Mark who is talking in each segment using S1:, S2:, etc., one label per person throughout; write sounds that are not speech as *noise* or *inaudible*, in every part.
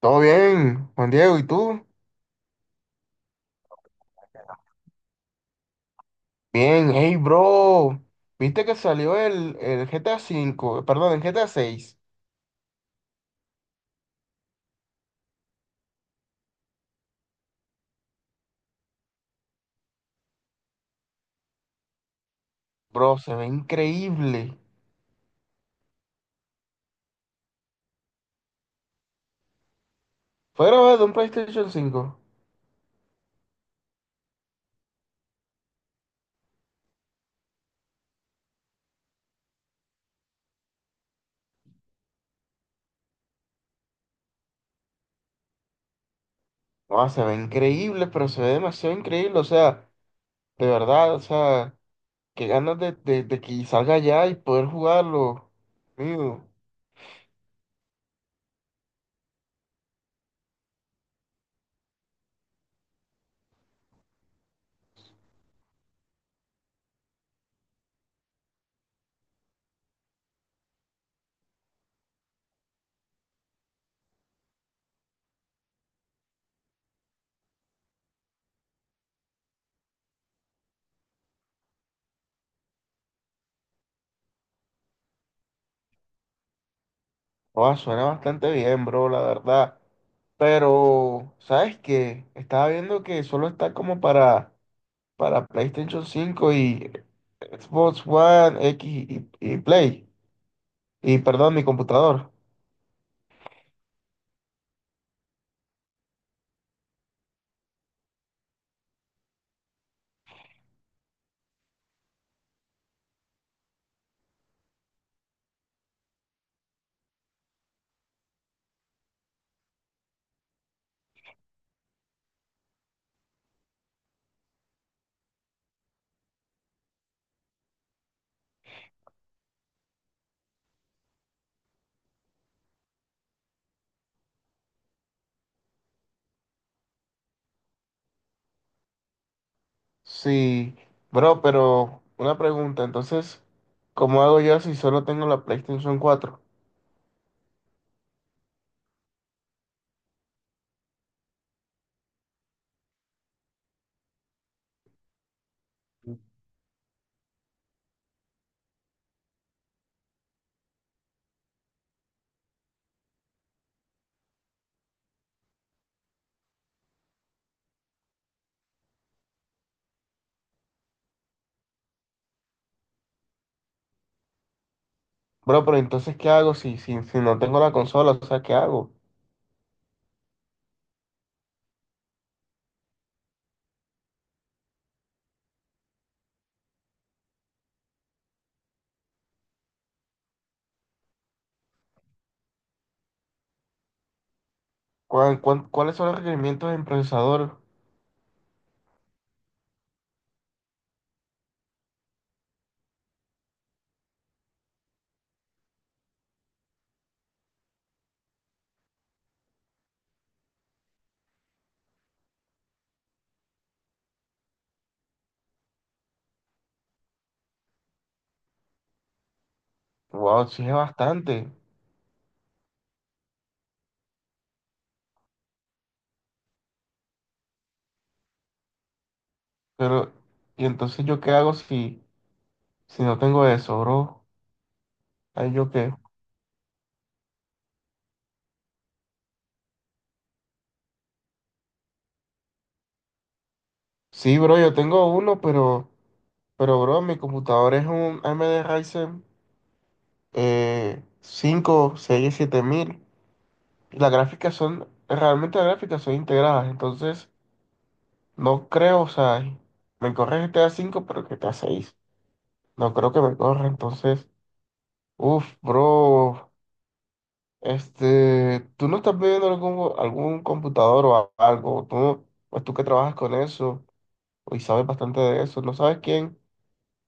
S1: Todo bien, Juan Diego, ¿y tú? Bien, hey, bro. ¿Viste que salió el GTA 5, perdón, el GTA 6? Bro, se ve increíble. Fue grabado en un PlayStation 5. No, se ve increíble, pero se ve demasiado increíble. O sea, de verdad, o sea, qué ganas de que salga ya y poder jugarlo. Mío. No, suena bastante bien, bro, la verdad. Pero, ¿sabes qué? Estaba viendo que solo está como para PlayStation 5 y Xbox One X y Play. Y perdón, mi computador. Sí, bro, pero una pregunta, entonces, ¿cómo hago yo si solo tengo la PlayStation 4? Bro, pero entonces, ¿qué hago si no tengo la consola? O sea, ¿qué hago? ¿Cuáles son los requerimientos en procesador? Wow, sí es bastante. Pero, ¿y entonces yo qué hago si no tengo eso, bro? Ahí, ¿yo qué? Sí, bro, yo tengo uno, pero... Pero, bro, mi computador es un AMD Ryzen 5, seis siete mil. Y las gráficas son, realmente las gráficas son integradas. Entonces, no creo, o sea, me corre GTA 5 pero GTA 6. No creo que me corra. Entonces, uff, bro, este, tú no estás viendo algún computador o algo. Tú, pues tú que trabajas con eso y sabes bastante de eso. No sabes quién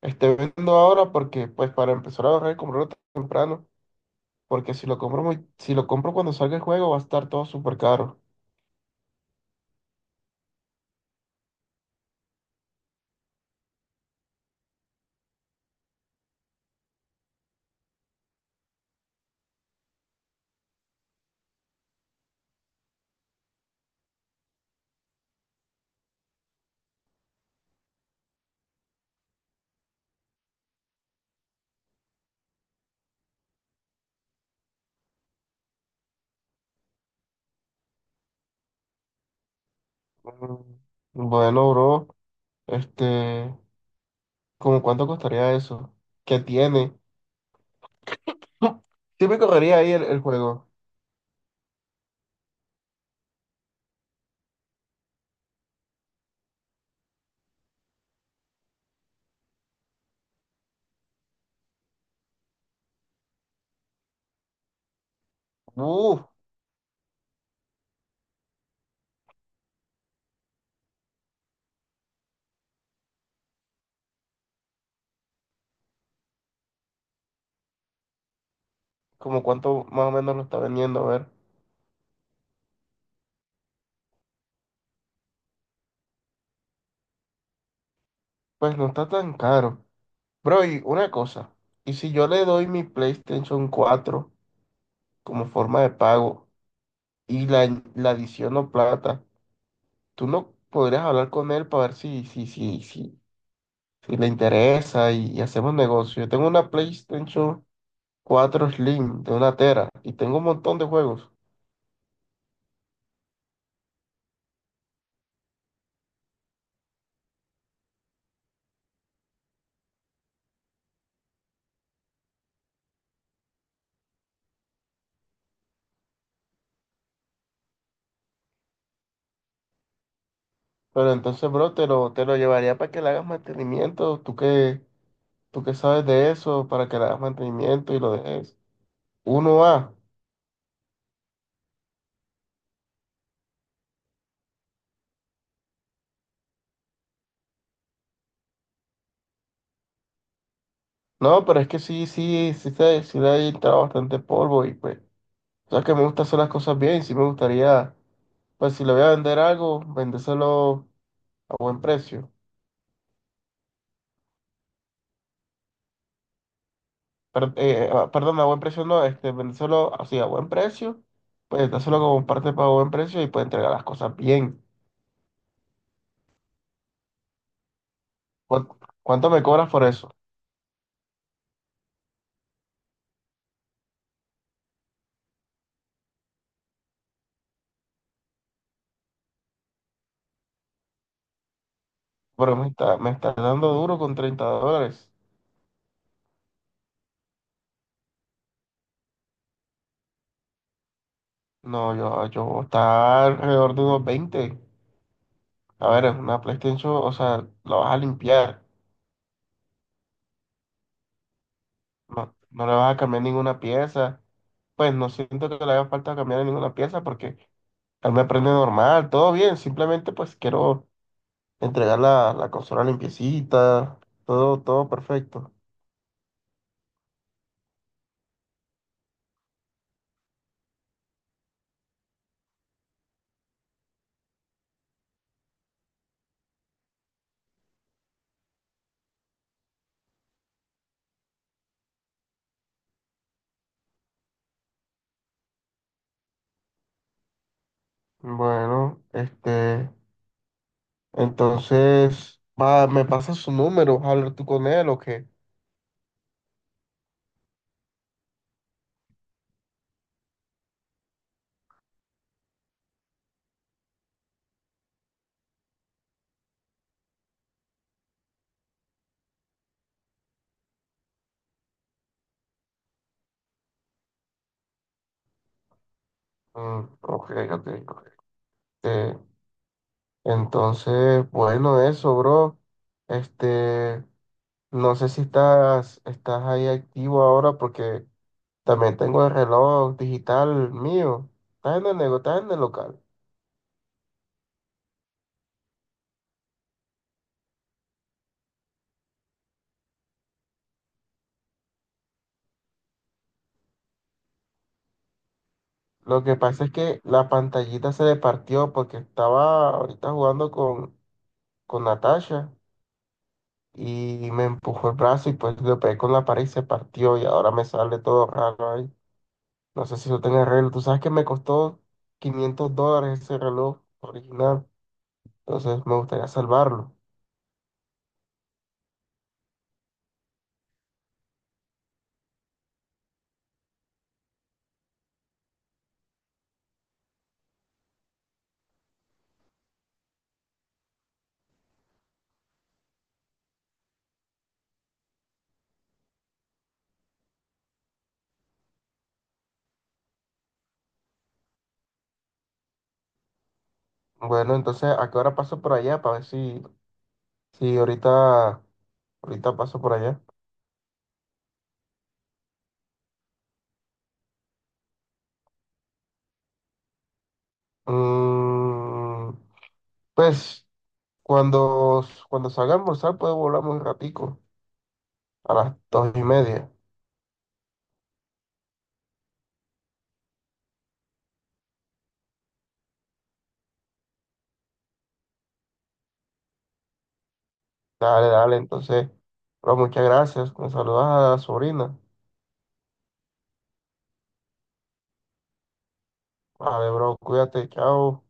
S1: esté viendo ahora porque, pues, para empezar a ahorrar y comprarlo temprano. Porque si lo compro cuando salga el juego va a estar todo súper caro. Mm, bueno, bro, este, ¿cómo cuánto costaría eso? ¿Qué tiene? *laughs* Sí me correría ahí el juego. Uf, ¿cómo cuánto más o menos lo está vendiendo? A ver, pues no está tan caro. Bro, y una cosa, ¿y si yo le doy mi PlayStation 4 como forma de pago y la adiciono plata, tú no podrías hablar con él para ver si le interesa y hacemos negocio? Yo tengo una PlayStation 4 Slim de una tera y tengo un montón de juegos. Pero entonces, bro, te lo llevaría para que le hagas mantenimiento. Tú que sabes de eso, para que le hagas mantenimiento y lo dejes. Uno a... No, pero es que sí, sí, sí, sí, le ha entrado bastante polvo y pues, o sea que me gusta hacer las cosas bien. Sí me gustaría, pues si le voy a vender algo, vendérselo a buen precio. Perdón, a buen precio no, este, vende solo así a buen precio, pues está solo como parte para buen precio y puede entregar las cosas bien. ¿Cuán- ¿Cuánto me cobras por eso? Pero me está dando duro con $30. No, yo está alrededor de unos 20. A ver, es una PlayStation, o sea, la vas a limpiar, no, no le vas a cambiar ninguna pieza. Pues no siento que le haga falta cambiar ninguna pieza porque él me prende normal, todo bien, simplemente pues quiero entregar la consola limpiecita, todo, todo perfecto. Bueno, este, entonces, va, me pasa su número, ¿vas a hablar tú con él o qué? Mm, ok, ok, ok. Este, entonces, bueno, eso, bro. Este, no sé si estás ahí activo ahora porque también tengo el reloj digital mío. ¿Estás en el estás en el local? Lo que pasa es que la pantallita se le partió porque estaba ahorita jugando con Natasha y me empujó el brazo y pues lo pegué con la pared y se partió y ahora me sale todo raro ahí. No sé si eso tiene arreglo. Tú sabes que me costó $500 ese reloj original, entonces me gustaría salvarlo. Bueno, entonces, ¿a qué hora paso por allá? Para ver si, si ahorita, ahorita paso por allá. Mm, pues cuando salga a almorzar puedo volar un ratico a las 2:30. Dale, dale, entonces, bro, muchas gracias. Me saludas a la sobrina. Vale, bro, cuídate, chao.